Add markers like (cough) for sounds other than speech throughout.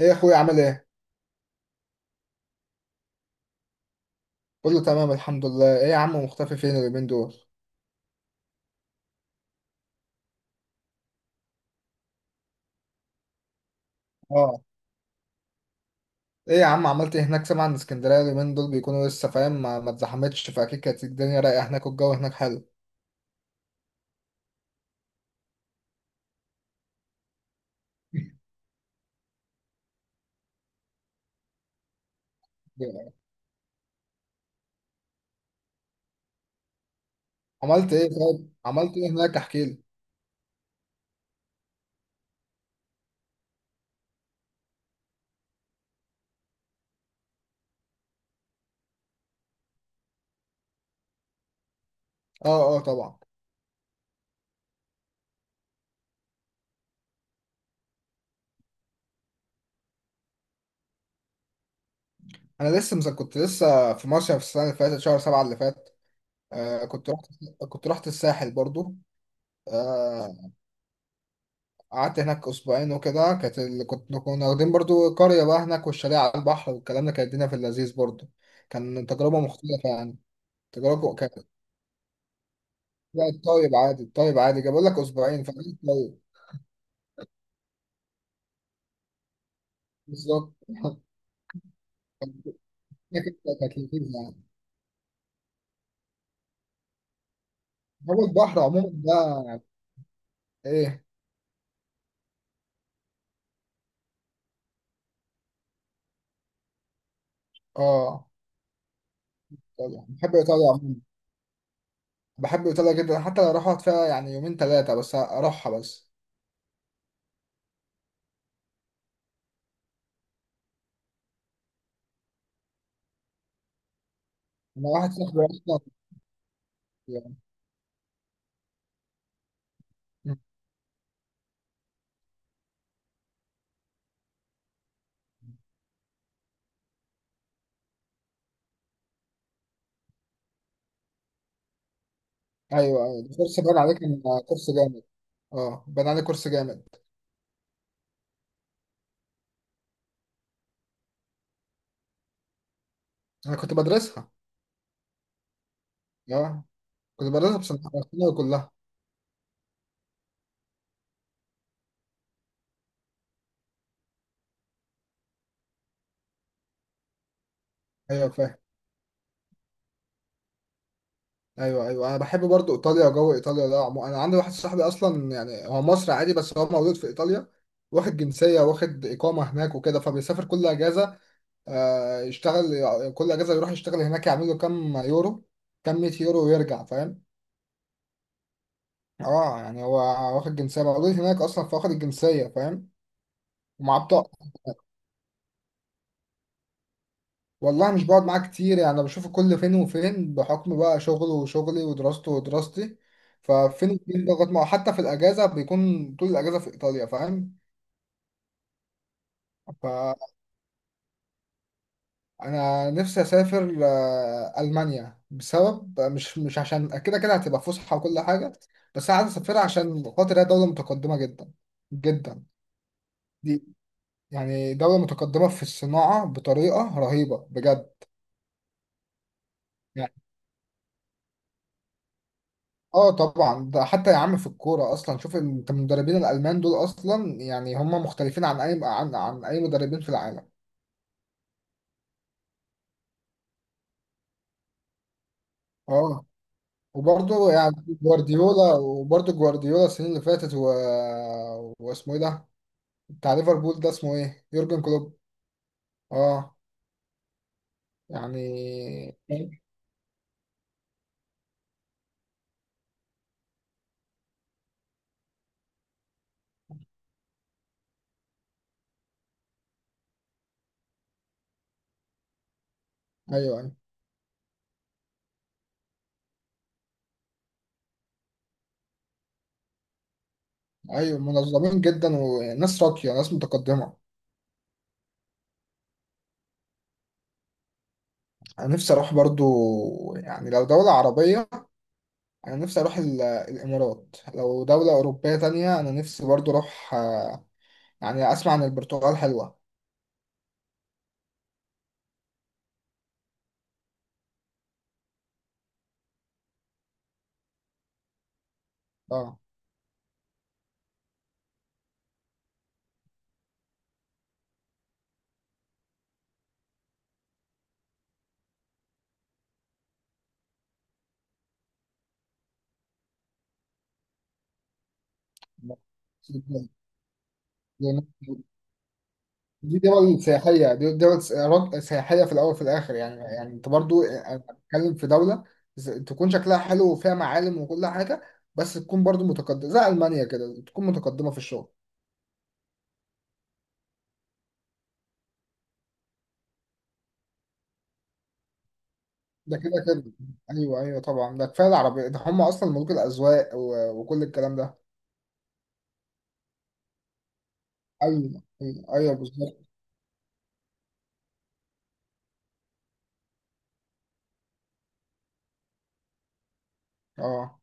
ايه يا اخويا عامل ايه؟ كله تمام الحمد لله، ايه يا عم مختفي فين اليومين دول؟ اه، ايه يا عم عملت ايه هناك؟ سامع ان اسكندرية اليومين دول بيكونوا لسه فاهم، ما اتزحمتش، فاكيد كانت الدنيا رايقة هناك والجو هناك حلو. (laughs) عملت ايه طيب؟ عملت ايه هناك؟ احكي لي. اه اه طبعا. كنت لسه في مصيف السنة اللي فاتت شهر سبعة اللي فات. آه كنت رحت الساحل برضو. آه، قعدت هناك اسبوعين وكده كانت كنا واخدين برضو قريه بقى هناك، والشاليه على البحر والكلام ده، كانت الدنيا في اللذيذ برضو. كان تجربه مختلفه يعني. تجربه كانت لا، الطيب عادي، الطيب عادي، جاي بقول لك اسبوعين فقلت طيب. بالظبط. هي كانت لذيذه يعني. هو البحر عموما ده. ايه. اه طبعا، بحب ايطاليا عموما. بحب ايطاليا جدا، حتى لو اروح اقعد فيها يعني يومين ثلاثه بس اروحها بس. انا واحد صاحبي اصلا يعني. أمم. ايوه ايوه الكورس باين عليك ان كورس جامد. اه باين عليك كورس جامد. انا كنت بدرسها. اه كنت بدرسها بصناعة كلها. ايوه فاهم. ايوه ايوه، انا بحب برضو ايطاليا. جو ايطاليا ده انا عندي واحد صاحبي اصلا، يعني هو مصري عادي بس هو مولود في ايطاليا، واخد جنسيه واخد اقامه هناك وكده، فبيسافر كل اجازه. آه يشتغل، كل اجازه يروح يشتغل هناك، يعمل له كام يورو، كام 100 يورو ويرجع، فاهم؟ اه يعني هو واخد جنسيه، مولود هناك اصلا فواخد الجنسيه فاهم، ومعاه بطاقه. والله مش بقعد معاه كتير يعني، انا بشوفه كل فين وفين بحكم بقى شغله وشغلي ودراسته ودراستي، ففين وفين بضغط معه، حتى في الاجازه بيكون طول الاجازه في ايطاليا فاهم. فانا نفسي اسافر المانيا، بسبب مش عشان كده كده هتبقى فسحه وكل حاجه، بس انا عايز اسافرها عشان خاطر هي دوله متقدمه جدا جدا. دي يعني دوله متقدمه في الصناعه بطريقه رهيبه بجد. اه طبعا، ده حتى يا عم في الكوره اصلا، شوف انت المدربين الالمان دول اصلا، يعني هم مختلفين عن اي عن اي مدربين في العالم. اه وبرضه يعني جوارديولا، وبرضه جوارديولا السنين اللي فاتت واسمه ايه ده، بتاع ليفربول ده اسمه ايه؟ يورجن كلوب. اه يعني. ايوه ايوه ايوه منظمين جدا وناس راقيه، ناس متقدمه. انا نفسي اروح برضه يعني لو دوله عربيه، انا نفسي اروح الامارات. لو دولة اوروبية تانية انا نفسي برضو اروح يعني اسمع عن البرتغال حلوة. اه، لأن دي دول سياحية، دي دول سياحية في الأول وفي الآخر يعني. يعني أنت برضو أنا بتكلم في دولة تكون شكلها حلو وفيها معالم وكل حاجة، بس تكون برضو متقدمة زي ألمانيا كده، تكون متقدمة في الشغل. ده كده كده. أيوه أيوه طبعا، ده كفاية العربية ده، هم أصلا ملوك الأذواق وكل الكلام ده. أيوه أيوه, أيوة بالظبط. أه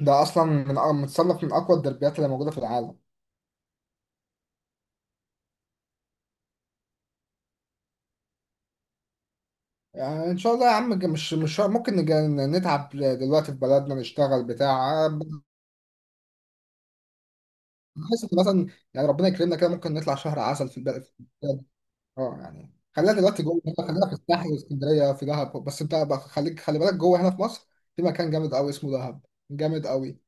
ده اصلا من متصنف من اقوى الدربيات اللي موجوده في العالم. يعني ان شاء الله يا عم، مش ممكن نتعب دلوقتي في بلدنا، نشتغل بتاع، بحيث إن مثلا يعني ربنا يكرمنا كده ممكن نطلع شهر عسل في البلد، في البلد. اه يعني خلينا دلوقتي جوه هنا، خلينا في الساحل واسكندريه في دهب، بس انت بقى خليك خلي بالك جوه هنا في مصر في مكان جامد قوي اسمه دهب، جامد قوي.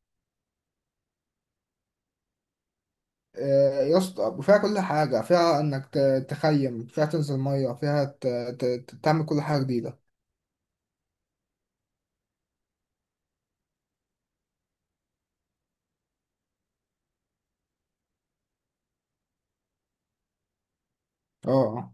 يا اسطى وفيها كل حاجه، فيها انك تخيم فيها، تنزل ميه فيها، تعمل كل حاجه جديده. اه آه.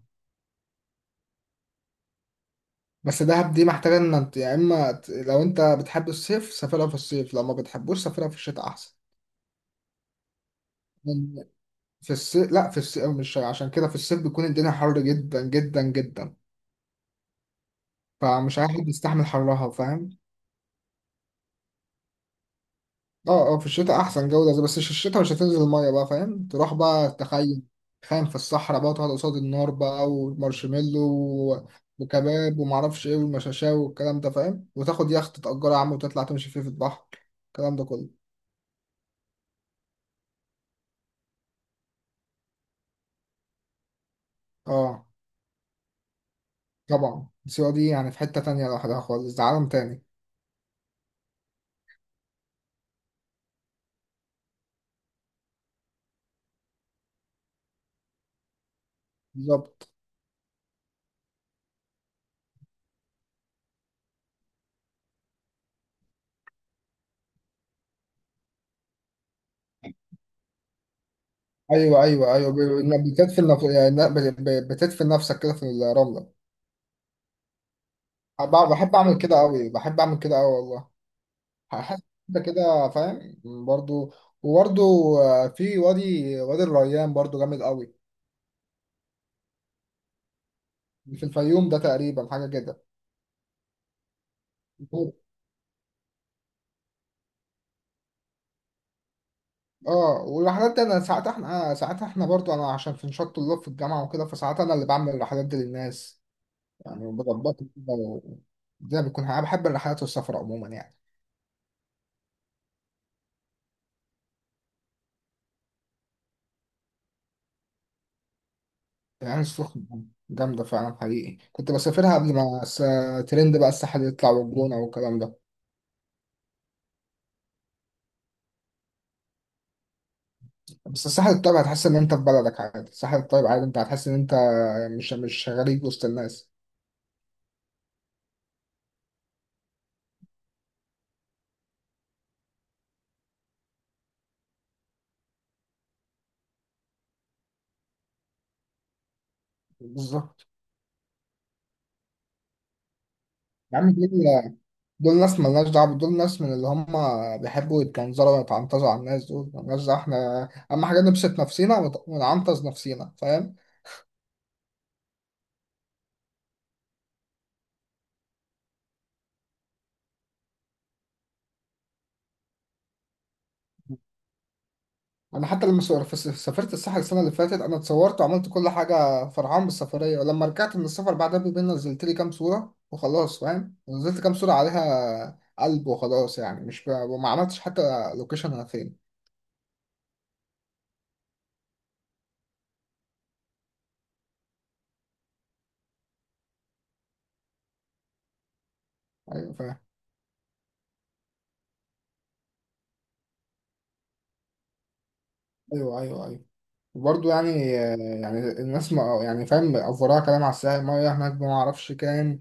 بس دهب دي محتاجة ان انت يا اما لو انت بتحب الصيف سافرها في الصيف، لو ما بتحبوش سافرها في الشتاء احسن، لأن في الصيف، لا في الصيف مش عشان كده، في الصيف بيكون الدنيا حر جدا جدا جدا، فمش عارف يستحمل حرها فاهم. اه اه في الشتاء احسن جو ده، بس في الشتاء مش هتنزل المية بقى فاهم، تروح بقى تخيم، تخيم في الصحراء بقى، وتقعد قصاد النار بقى، ومارشميلو و- وكباب ومعرفش ايه، والمشاشاو والكلام ده فاهم، وتاخد يخت تأجره يا عم وتطلع تمشي فيه في البحر، الكلام ده كله. اه طبعا. سيوة دي يعني في حتة تانية لوحدها خالص، ده عالم تاني. بالظبط. ايوه ايوه بتدفن يعني بتدفن نفسك كده في الرملة. بحب اعمل كده قوي، بحب اعمل كده قوي والله. هحس كده كده فاهم. برضو، وبرضو في وادي، وادي الريان برضو جامد قوي، في الفيوم ده تقريبا حاجة كده. اه، والرحلات دي انا ساعات احنا ساعات احنا برضو انا، عشان في نشاط طلاب في الجامعة وكده، فساعات انا اللي بعمل الرحلات دي للناس يعني، وبظبطها كده الدنيا بتكون، أنا بحب الرحلات والسفر عموما يعني. العين السخنة جامدة فعلا حقيقي، كنت بسافرها قبل ما ترند بقى الساحل يطلع والجونة والكلام ده. بس الساحل الطيب هتحس إن أنت في بلدك عادي، الساحل الطيب عادي أنت هتحس إن أنت مش غريب وسط الناس. بالظبط. يا عم دول، دول ناس ملناش دعوة، دول ناس من اللي هم بيحبوا يتجنزروا ويتعنطزوا على الناس، دول ملناش دعوة، احنا أهم حاجة نبسط نفسينا ونعنطز نفسينا فاهم؟ انا حتى لما سافرت الساحل السنه اللي فاتت، انا اتصورت وعملت كل حاجه فرحان بالسفريه، ولما رجعت من السفر بعدها بيومين نزلت لي كام صوره وخلاص فاهم، نزلت كام صوره عليها قلب وخلاص، يعني مش ب... وما عملتش حتى لوكيشن انا فين. ايوه فاهم. ايوه ايوه برضه يعني، يعني الناس ما يعني فاهم، افوراها كلام على الساحل، ميه هناك ما اعرفش كام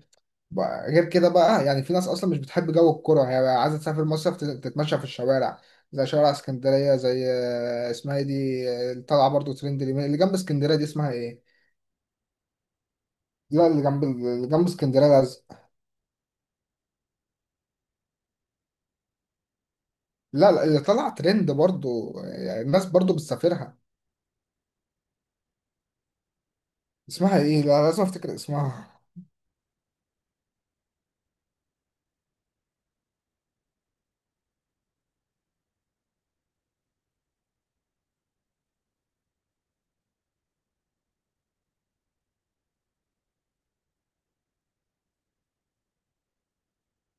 بقى، غير كده بقى يعني في ناس اصلا مش بتحب جو الكرة، هي بقى عايزة تسافر مصيف، تتمشى في الشوارع زي شوارع اسكندرية، زي اسمها ايه دي، اللي طالعة برضه ترند اللي جنب اسكندرية دي اسمها ايه؟ لا اللي جنب، اللي جنب اسكندرية لازق. لا لا، اللي طالعة ترند برضه يعني الناس برضه بتسافرها. اسمها ايه؟ لا لازم افتكر اسمها.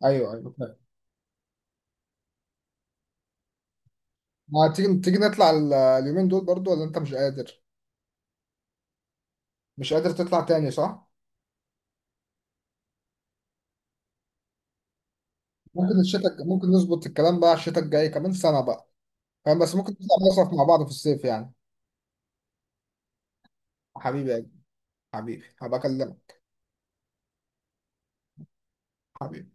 (laughs) ايوه ايوه فاهم. ما تيجي، تيجي نطلع اليومين دول برضه ولا انت مش قادر؟ مش قادر تطلع تاني صح؟ ممكن الشتاء، ممكن نظبط الكلام بقى الشتاء الجاي كمان سنة بقى فاهم، بس ممكن نطلع مصيف مع بعض في الصيف يعني. حبيبي يا جدع، حبيبي هبقى اكلمك. حبيبي.